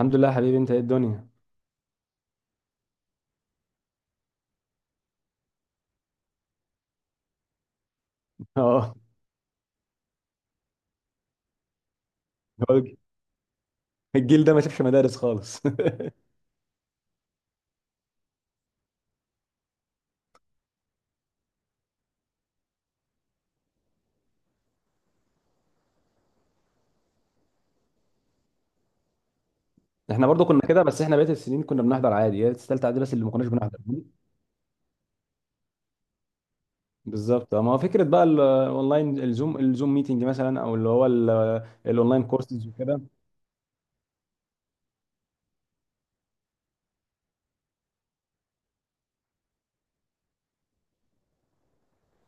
الحمد لله، يا حبيبي، انت ايه الدنيا؟ اه، هو الجيل ده ما شافش مدارس خالص. احنا برضو كنا كده، بس احنا بقيت السنين كنا بنحضر عادي، هي الثالثه اعدادي بس اللي ما كناش بنحضر. بالظبط، ما هو فكره بقى الاونلاين، الزوم ميتنج مثلا، او اللي هو الاونلاين كورسز وكده.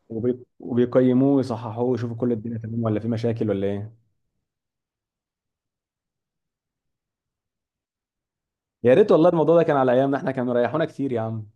وبيقيموه ويصححوه ويشوفوا كل الدنيا تمام ولا في مشاكل ولا ايه؟ يا ريت والله، الموضوع ده كان على ايامنا احنا كانوا ريحونا كتير يا عم.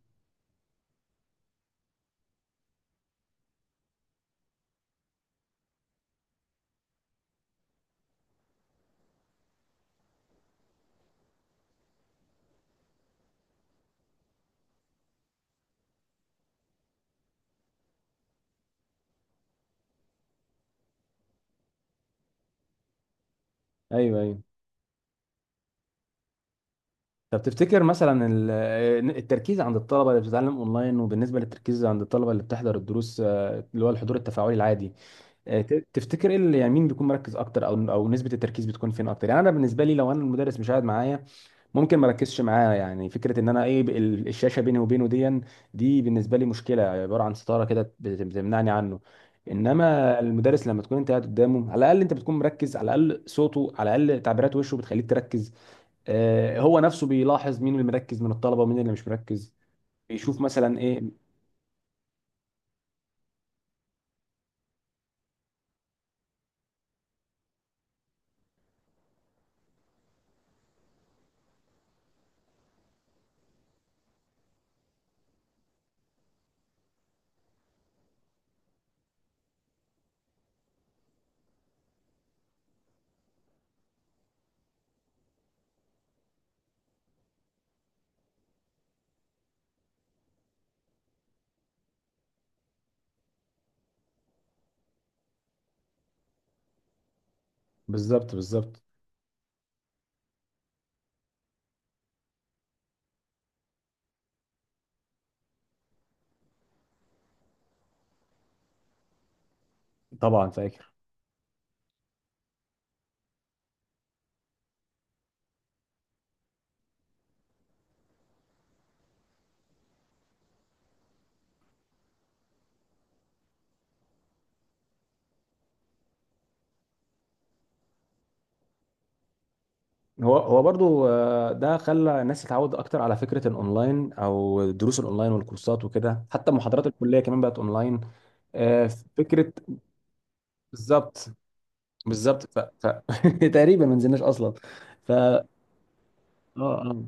ايوه، ايوه. طب تفتكر مثلا التركيز عند الطلبة اللي بتتعلم اونلاين، وبالنسبة للتركيز عند الطلبة اللي بتحضر الدروس، آه، اللي هو الحضور التفاعلي العادي تفتكر ايه اللي يعني مين بيكون مركز اكتر، او نسبة التركيز بتكون فين اكتر؟ يعني انا بالنسبة لي لو انا المدرس مش قاعد معايا ممكن ما اركزش معاه. يعني فكرة ان انا ايه، الشاشة بيني وبينه دي، دي بالنسبة لي مشكلة، عبارة عن ستارة كده بتمنعني عنه. انما المدرس لما تكون انت قاعد قدامه، على الاقل انت بتكون مركز، على الاقل صوته، على الاقل تعبيرات وشه بتخليك تركز. هو نفسه بيلاحظ مين اللي مركز من الطلبه ومين اللي مش مركز، بيشوف مثلا ايه. بالظبط، بالظبط. طبعا فاكر. هو برضو، ده خلى الناس تتعود اكتر على فكره الاونلاين او الدروس الاونلاين والكورسات وكده، حتى محاضرات الكليه كمان بقت اونلاين. آه، فكره. بالظبط. بالظبط. تقريبا ما نزلناش اصلا. ف اه آه.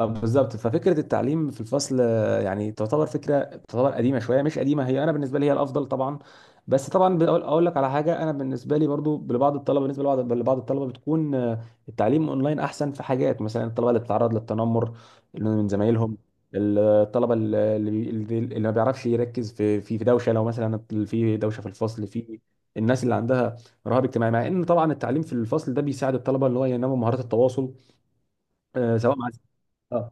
اه بالظبط، ففكره التعليم في الفصل، يعني تعتبر فكره، تعتبر قديمه شويه، مش قديمه هي، انا بالنسبه لي هي الافضل طبعا. بس طبعا اقول لك على حاجه، انا بالنسبه لي برضو، لبعض الطلبه، بالنسبه لبعض الطلبه بتكون التعليم اونلاين احسن في حاجات، مثلا الطلبه اللي بتتعرض للتنمر من زمايلهم، الطلبه اللي ما بيعرفش يركز في في دوشه، لو مثلا في دوشه في الفصل، في الناس اللي عندها رهاب اجتماعي. مع ان طبعا التعليم في الفصل ده بيساعد الطلبه اللي هو ينموا مهارات التواصل، آه، سواء مع اه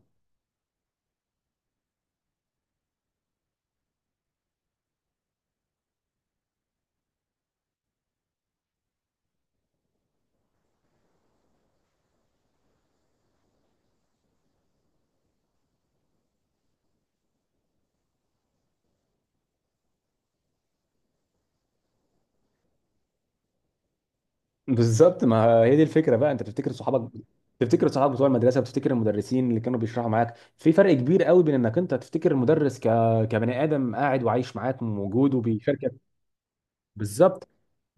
بالظبط. ما هي دي الفكره بقى، انت بتفتكر صحابك، تفتكر صحابك بتوع المدرسه، بتفتكر المدرسين اللي كانوا بيشرحوا معاك. في فرق كبير قوي بين انك انت تفتكر المدرس كبني ادم قاعد وعايش معاك، موجود وبيشاركك. بالظبط.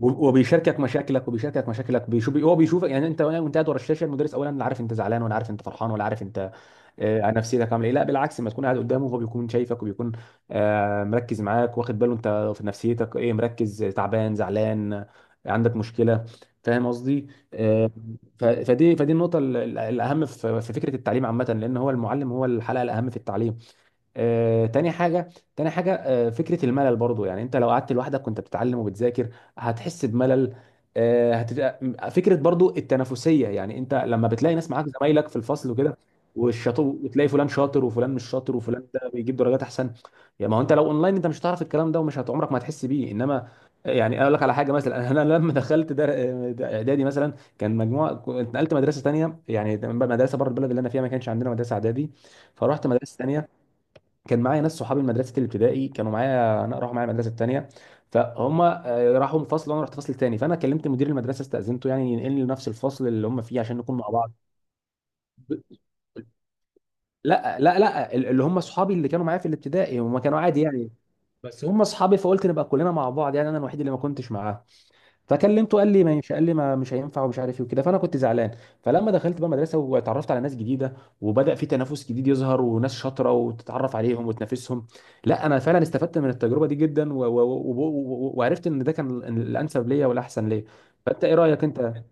وبيشاركك مشاكلك، وبيشاركك مشاكلك، بيشوف هو بيشوفك، يعني انت وانت قاعد ورا الشاشه، المدرس اولا لا عارف انت زعلان، ولا عارف انت فرحان، ولا عارف انت عن نفسيتك عامله ايه. لا بالعكس، لما تكون قاعد قدامه، هو بيكون شايفك وبيكون مركز معاك، واخد باله انت في نفسيتك ايه، مركز، تعبان، زعلان، عندك مشكله. فاهم قصدي. آه، فدي النقطه الاهم في فكره التعليم عامه، لان هو المعلم هو الحلقه الاهم في التعليم. آه، تاني حاجة تاني حاجة، فكرة الملل برضو. يعني انت لو قعدت لوحدك وانت بتتعلم وبتذاكر هتحس بملل. آه، هتت... فكرة برضو التنافسية، يعني انت لما بتلاقي ناس معاك زمايلك في الفصل وكده، والشاطر، وتلاقي فلان شاطر وفلان مش شاطر، وفلان ده بيجيب درجات احسن. يعني ما هو انت لو اونلاين انت مش هتعرف الكلام ده، عمرك ما هتحس بيه. انما يعني اقول لك على حاجه مثلا، انا لما دخلت ده اعدادي مثلا كان مجموعه، كنت نقلت مدرسه تانيه، يعني مدرسه بره البلد، اللي انا فيها ما كانش عندنا مدرسه اعدادي. فروحت مدرسه تانيه، كان معايا ناس صحابي من مدرسه الابتدائي كانوا معايا انا، راحوا معايا المدرسه الثانيه. فهم راحوا من فصل، وانا رحت فصل تاني، فانا كلمت مدير المدرسه، استاذنته يعني ينقلني لنفس الفصل اللي هم فيه عشان نكون مع بعض. لا، لا، لا، اللي هم صحابي اللي كانوا معايا في الابتدائي هم كانوا عادي يعني، بس هم صحابي، فقلت نبقى كلنا مع بعض، يعني انا الوحيد اللي ما كنتش معاهم. فكلمته قال لي ما ينفع، قال لي ما مش هينفع ومش عارف ايه وكده، فانا كنت زعلان. فلما دخلت بقى مدرسه واتعرفت على ناس جديده، وبدا في تنافس جديد يظهر، وناس شاطره، وتتعرف عليهم وتنافسهم. لا، انا فعلا استفدت من التجربه دي جدا، وعرفت ان ده كان الانسب ليا والاحسن ليا. فانت ايه رايك انت؟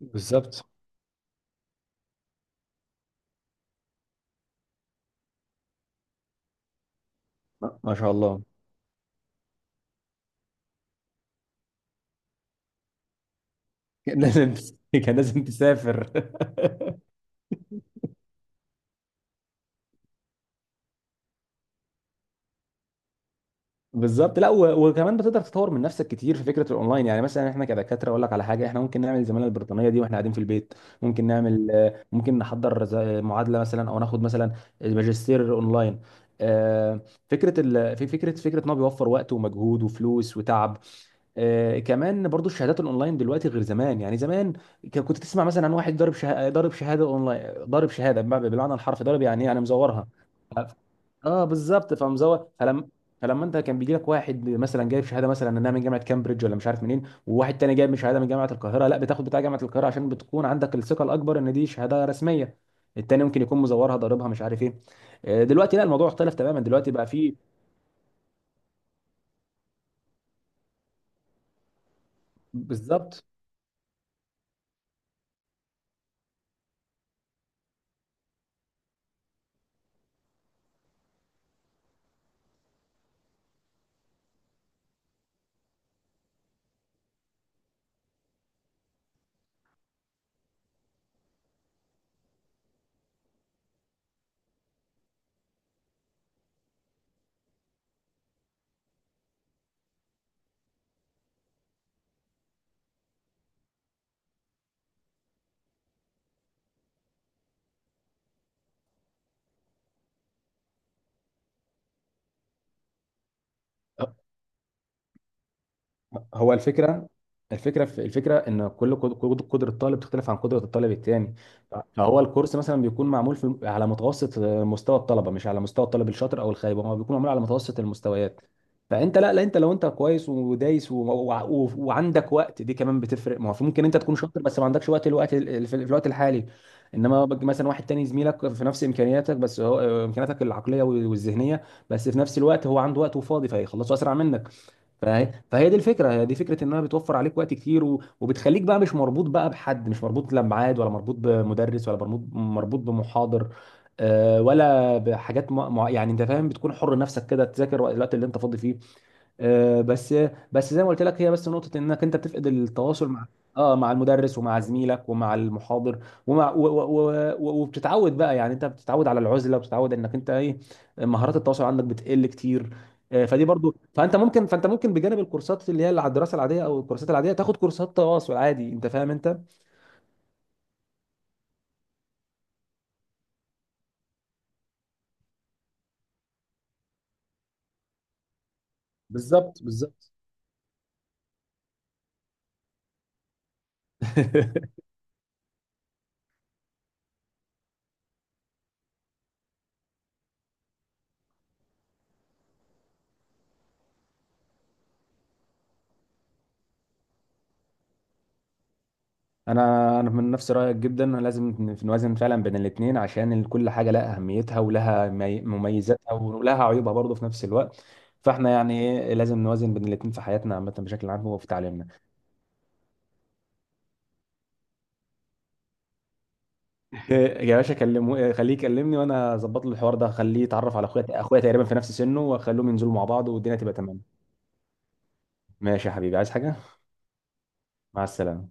بالظبط. ما شاء الله. كان لازم كان لازم تسافر. بالظبط. لا، وكمان بتقدر تطور من نفسك كتير في فكره الاونلاين، يعني مثلا احنا كدكاتره، اقول لك على حاجه، احنا ممكن نعمل الزماله البريطانيه دي واحنا قاعدين في البيت. ممكن نعمل آه، ممكن نحضر زي معادله مثلا، او ناخد مثلا الماجستير اونلاين. آه، فكره ال... في فكره فكره ان هو بيوفر وقت ومجهود وفلوس وتعب. كمان برضو، الشهادات الاونلاين دلوقتي غير زمان. يعني زمان كنت تسمع مثلا عن واحد ضارب شهاده، ضارب شهاده اونلاين، ضارب شهاده بمعنى، بالمعنى الحرفي ضارب يعني إيه؟ يعني مزورها. ف- اه بالظبط، فمزور. فلما انت كان بيجي لك واحد مثلا جايب شهاده، مثلا انها من جامعه كامبريدج ولا مش عارف منين، وواحد تاني جايب شهاده من جامعه القاهره، لا، بتاخد بتاع جامعه القاهره، عشان بتكون عندك الثقه الاكبر ان دي شهاده رسميه. التاني ممكن يكون مزورها، ضاربها، مش عارف ايه. دلوقتي لا، الموضوع اختلف تماما، دلوقتي بقى فيه. بالظبط. هو الفكره، الفكره في الفكره ان كل قدره طالب تختلف عن قدره الطالب التاني. فهو الكورس مثلا بيكون معمول على متوسط مستوى الطلبه، مش على مستوى الطالب الشاطر او الخايب، هو بيكون معمول على متوسط المستويات. فانت، لا، لا، انت لو انت كويس ودايس وعندك وقت، دي كمان بتفرق. ما هو ممكن انت تكون شاطر بس ما عندكش وقت، في الوقت الحالي. انما مثلا واحد تاني زميلك في نفس امكانياتك، بس هو امكانياتك العقليه والذهنيه، بس في نفس الوقت هو عنده وقت وفاضي فيخلصه اسرع منك. فهي دي الفكره، هي دي فكره انها بتوفر عليك وقت كتير، وبتخليك بقى مش مربوط بقى بحد، مش مربوط لا بميعاد، ولا مربوط بمدرس، ولا مربوط بمحاضر، ولا بحاجات يعني انت فاهم، بتكون حر نفسك كده، تذاكر الوقت اللي انت فاضي فيه. بس. بس زي ما قلت لك، هي بس نقطة انك انت بتفقد التواصل مع المدرس، ومع زميلك، ومع المحاضر. ومع و... و... و... وبتتعود بقى، يعني انت بتتعود على العزلة، وبتتعود انك انت ايه، مهارات التواصل عندك بتقل كتير. فدي برضو، فانت ممكن، بجانب الكورسات اللي هي على الدراسة العادية او الكورسات العادية، تاخد كورسات تواصل عادي، انت فاهم انت. بالظبط، بالظبط. انا من نفس رايك جدا، لازم نوازن فعلا بين الاثنين، عشان كل حاجه لها اهميتها، ولها مميزاتها، ولها عيوبها برضه في نفس الوقت. فاحنا يعني ايه، لازم نوازن بين الاثنين في حياتنا عامه بشكل عام، وفي تعليمنا. إيه يا باشا، كلمه، إيه، خليه يكلمني وانا اظبط له الحوار ده، خليه يتعرف على اخويا، اخويا تقريبا في نفس سنه، واخليهم ينزلوا مع بعض والدنيا تبقى تمام. ماشي يا حبيبي، عايز حاجه؟ مع السلامه.